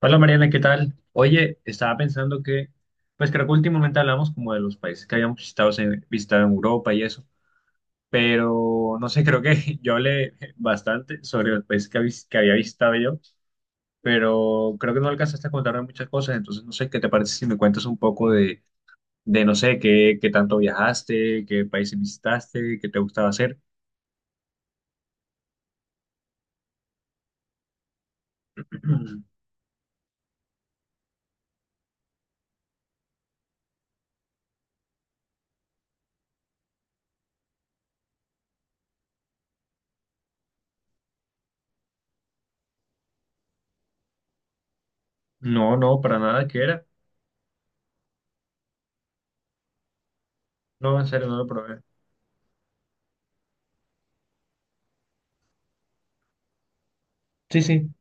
Hola Mariana, ¿qué tal? Oye, estaba pensando que, pues creo que últimamente hablamos como de los países que habíamos visitado en Europa y eso, pero no sé, creo que yo hablé bastante sobre los países que había visitado yo, pero creo que no alcanzaste a contarme muchas cosas, entonces no sé, ¿qué te parece si me cuentas un poco de no sé, qué tanto viajaste, qué países visitaste, qué te gustaba hacer? No, no, para nada, ¿qué era? No, en serio, no lo probé. Sí, sí.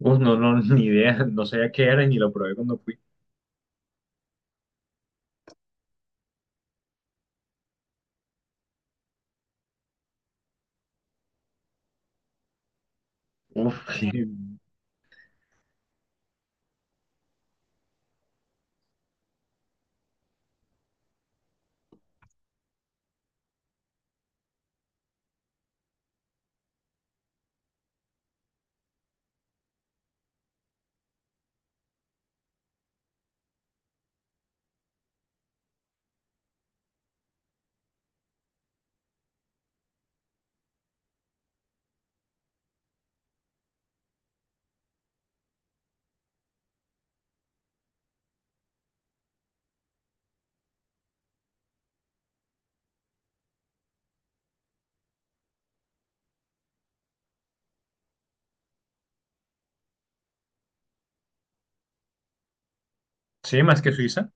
Uf, no, no, ni idea, no sabía qué era y ni lo probé cuando fui. Uf, sí. Sí, más que Suiza.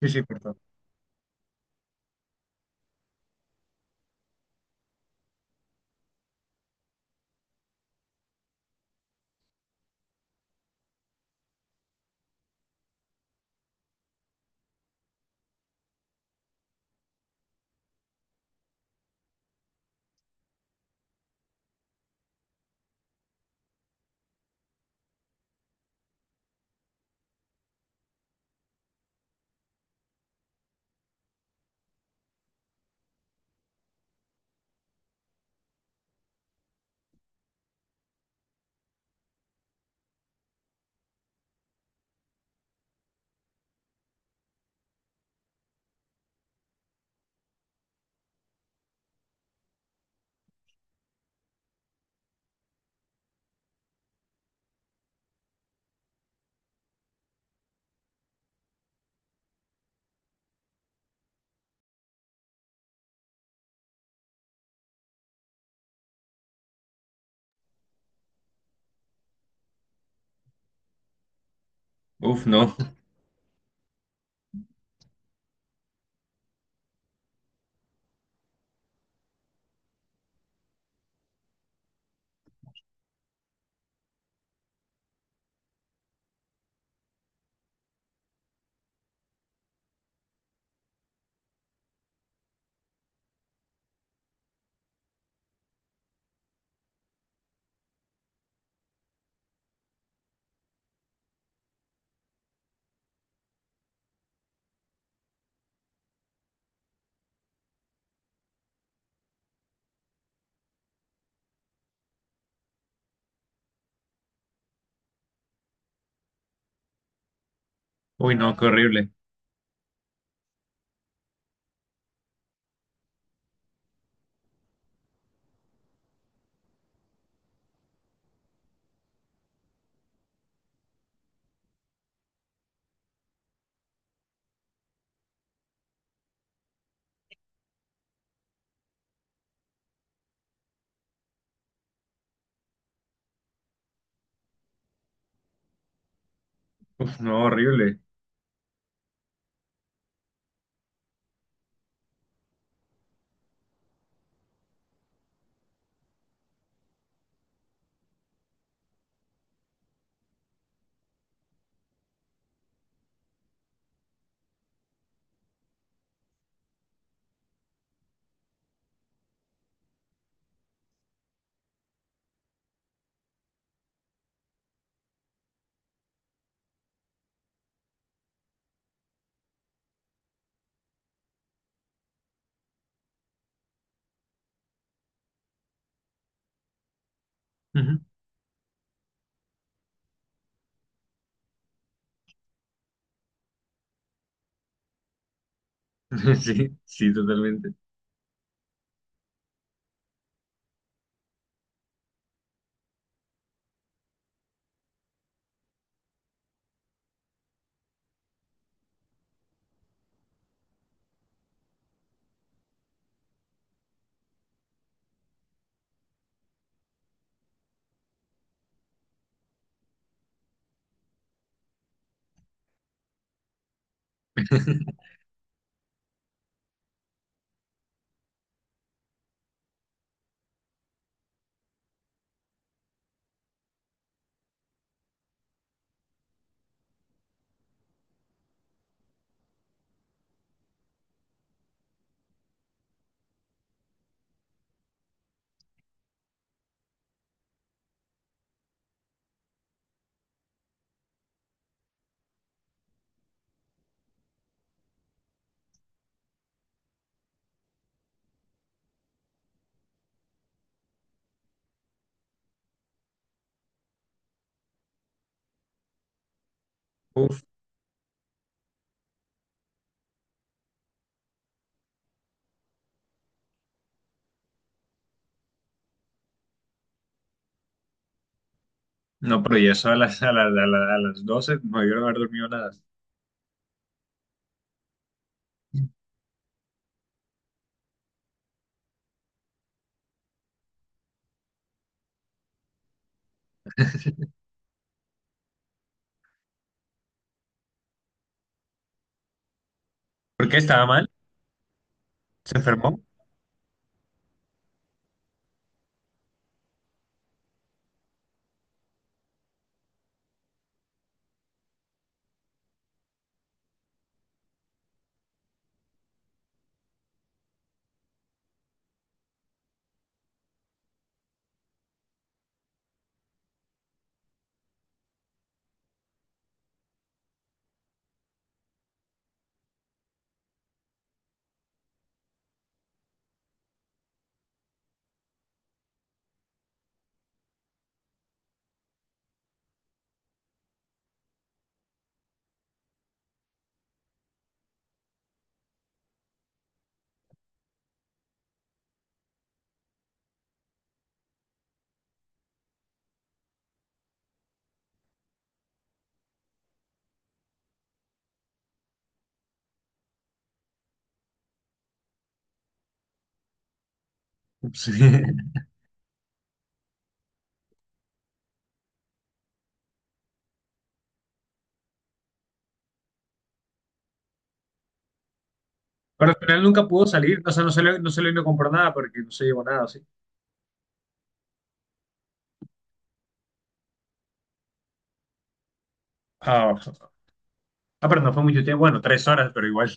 Sí, sí, por favor. Uf, no. Uy, no, qué horrible. Uf, no, horrible. Ujú. Sí, sí, totalmente. Uf, no, pero ya eso a las 12 no debieron haber dormido nada. ¿Por qué estaba mal? ¿Se enfermó? Sí. Pero al final nunca pudo salir, o sea, no salió, no salió y no compró nada porque no se llevó nada, sí. Ah, ah, pero no fue mucho tiempo. Bueno, 3 horas, pero igual.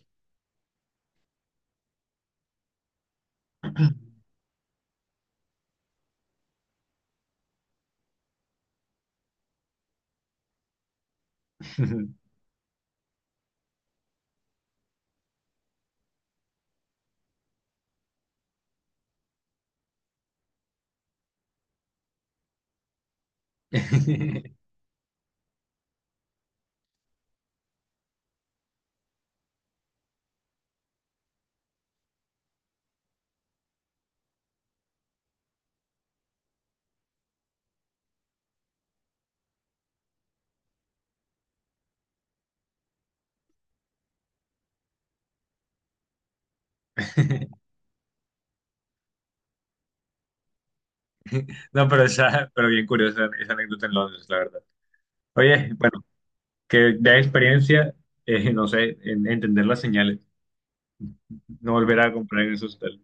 No, pero esa, pero bien curiosa esa anécdota en Londres, la verdad. Oye, bueno, que de experiencia, no sé, en entender las señales, no volver a comprar en esos hotel.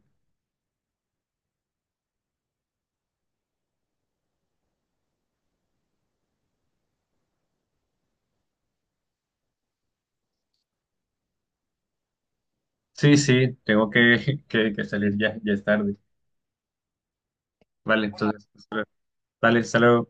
Sí, sí, tengo que, que salir ya, ya es tarde. Vale, entonces, vale, hasta luego.